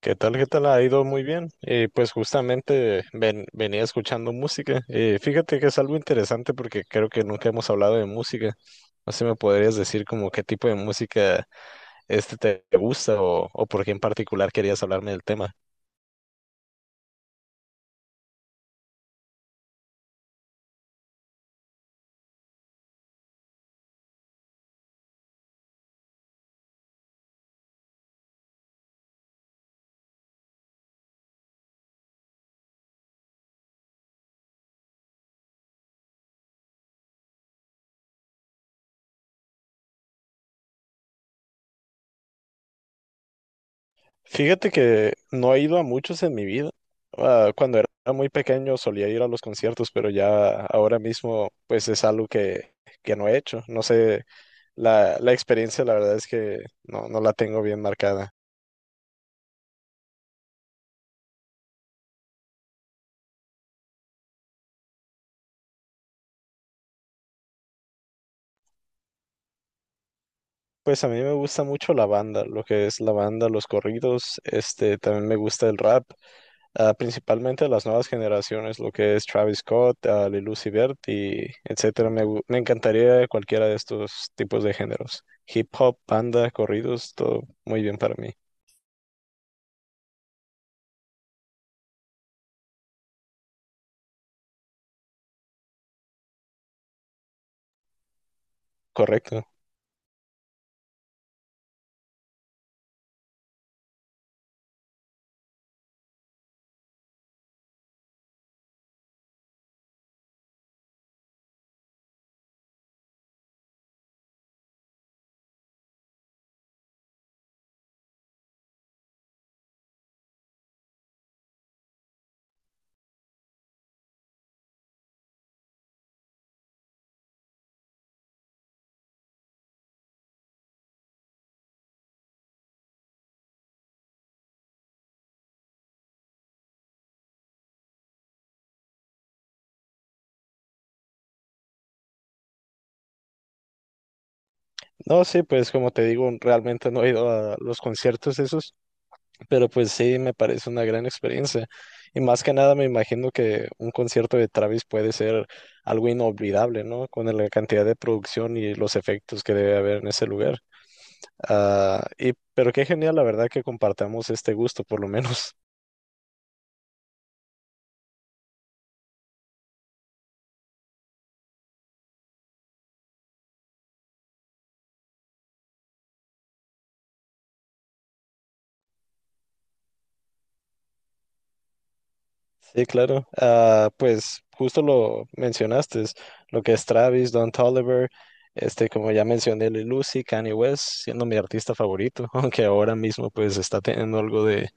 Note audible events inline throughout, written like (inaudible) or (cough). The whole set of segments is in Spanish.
¿Qué tal? ¿Qué tal? Ha ido muy bien. Pues justamente venía escuchando música. Fíjate que es algo interesante porque creo que nunca hemos hablado de música. No sé, ¿me podrías decir como qué tipo de música este te gusta o por qué en particular querías hablarme del tema? Fíjate que no he ido a muchos en mi vida. Ah, cuando era muy pequeño solía ir a los conciertos, pero ya ahora mismo pues es algo que no he hecho. No sé, la experiencia la verdad es que no la tengo bien marcada. Pues a mí me gusta mucho la banda, lo que es la banda, los corridos, este, también me gusta el rap, ah, principalmente las nuevas generaciones, lo que es Travis Scott, ah, Lil Uzi Vert y etcétera. Me encantaría cualquiera de estos tipos de géneros. Hip hop, banda, corridos, todo muy bien para mí. Correcto. No, sí, pues como te digo, realmente no he ido a los conciertos esos. Pero pues sí, me parece una gran experiencia. Y más que nada me imagino que un concierto de Travis puede ser algo inolvidable, ¿no? Con la cantidad de producción y los efectos que debe haber en ese lugar. Ah, y pero qué genial, la verdad, que compartamos este gusto, por lo menos. (laughs) Sí, claro. Ah, pues justo lo mencionaste, es lo que es Travis, Don Toliver, este, como ya mencioné, Lil Uzi, Kanye West, siendo mi artista favorito, (laughs) aunque ahora mismo pues está teniendo algo de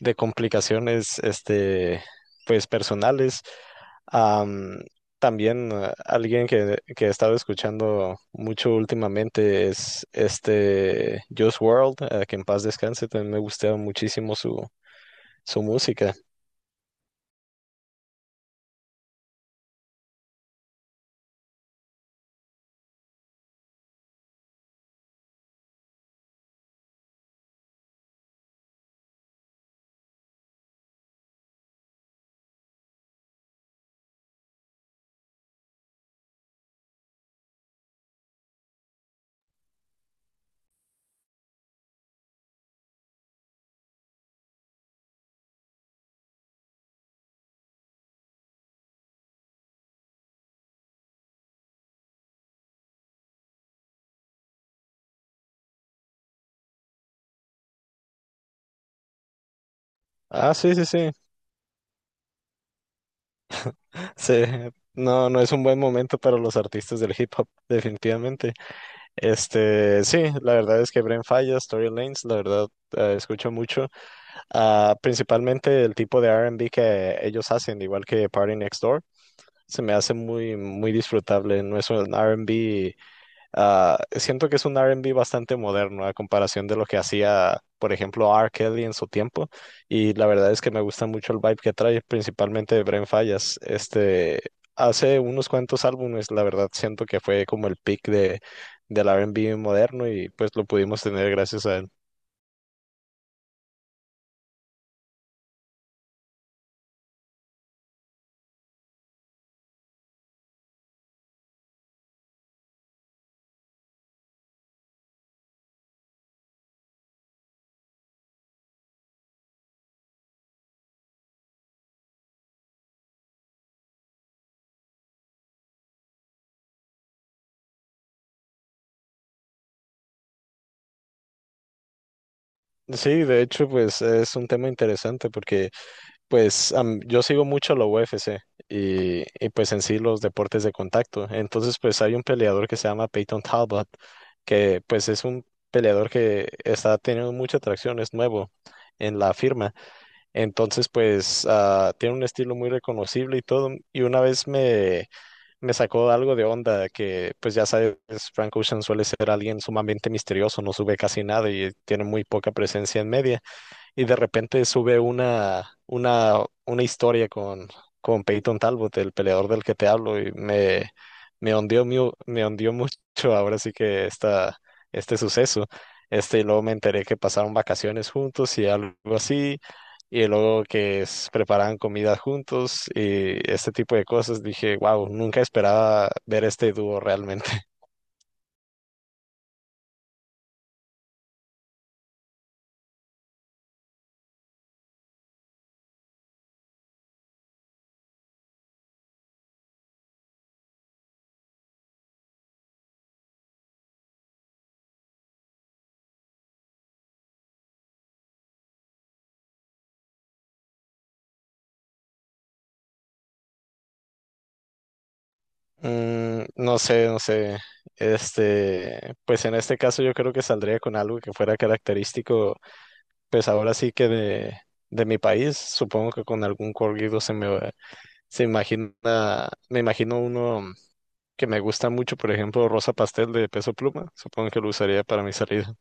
complicaciones, este, pues personales. Am, También, alguien que he estado escuchando mucho últimamente es este Juice World, que en paz descanse, también me gustaba muchísimo su música. Ah, sí, sí, sí. Sí, no, no es un buen momento para los artistas del hip hop, definitivamente. Este, sí, la verdad es que Bren Falla, Story Lanes, la verdad, escucho mucho. Ah, principalmente el tipo de R&B que ellos hacen, igual que Party Next Door, se me hace muy, muy disfrutable. No es un R&B, ah, siento que es un R&B bastante moderno a comparación de lo que hacía, por ejemplo, R. Kelly en su tiempo. Y la verdad es que me gusta mucho el vibe que trae, principalmente Bren Fallas. Este, hace unos cuantos álbumes, la verdad, siento que fue como el peak de, del R&B moderno y pues lo pudimos tener gracias a él. Sí, de hecho, pues es un tema interesante porque, pues yo sigo mucho la UFC y pues en sí los deportes de contacto. Entonces pues hay un peleador que se llama Peyton Talbot, que pues es un peleador que está teniendo mucha atracción, es nuevo en la firma. Entonces pues ah, tiene un estilo muy reconocible y todo. Y una vez me sacó algo de onda que, pues ya sabes, Frank Ocean suele ser alguien sumamente misterioso, no sube casi nada y tiene muy poca presencia en media y de repente sube una historia con Peyton Talbot, el peleador del que te hablo, y me hundió, me hundió (laughs) mucho, ahora sí que este suceso. Este, y luego me enteré que pasaron vacaciones juntos y algo así, y luego que preparaban comida juntos y este tipo de cosas. Dije, wow, nunca esperaba ver este dúo realmente. No sé, no sé. Este, pues en este caso yo creo que saldría con algo que fuera característico, pues ahora sí que de mi país. Supongo que con algún corrido se imagina, me imagino uno que me gusta mucho, por ejemplo, Rosa Pastel de Peso Pluma. Supongo que lo usaría para mi salida.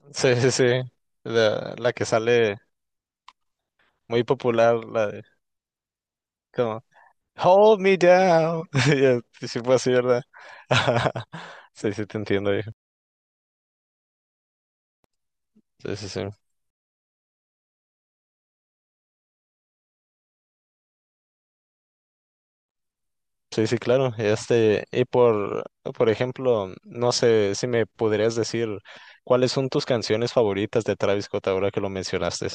(laughs) Sí, sí, sí. La que sale muy popular, la de como Hold Me Down. (laughs) Y así fue así, ¿verdad? (laughs) Sí, sí, te entiendo, viejo. Sí, sí, sí. Sí, sí, claro. Este, y por ejemplo, no sé si me podrías decir cuáles son tus canciones favoritas de Travis Scott ahora que lo mencionaste.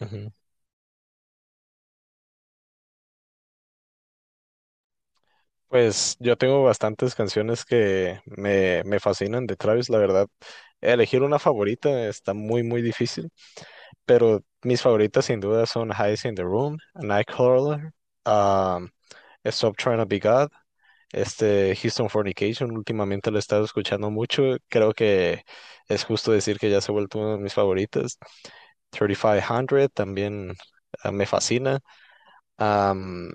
Ujú. Pues yo tengo bastantes canciones que me fascinan de Travis, la verdad. Elegir una favorita está muy, muy difícil, pero mis favoritas sin duda son Highs in the Room, Nightcrawler, um, Stop Trying to Be God. Este, Houston Fornication últimamente lo he estado escuchando mucho. Creo que es justo decir que ya se ha vuelto uno de mis favoritos. Favoritas. 3500 también, ah, me fascina. Am,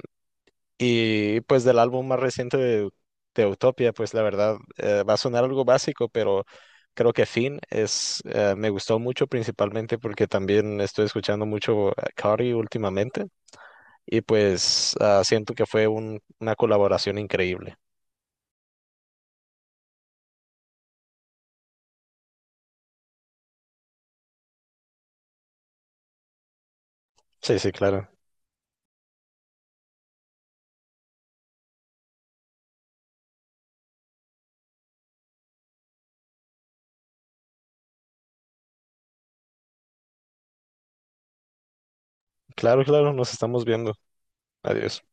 y pues del álbum más reciente de Utopia, pues la verdad, va a sonar algo básico, pero creo que Finn es, me gustó mucho principalmente porque también estoy escuchando mucho a Cardi últimamente, y pues ah, siento que fue una colaboración increíble. Sí, sí, claro. Claro, claro, nos estamos viendo. Adiós.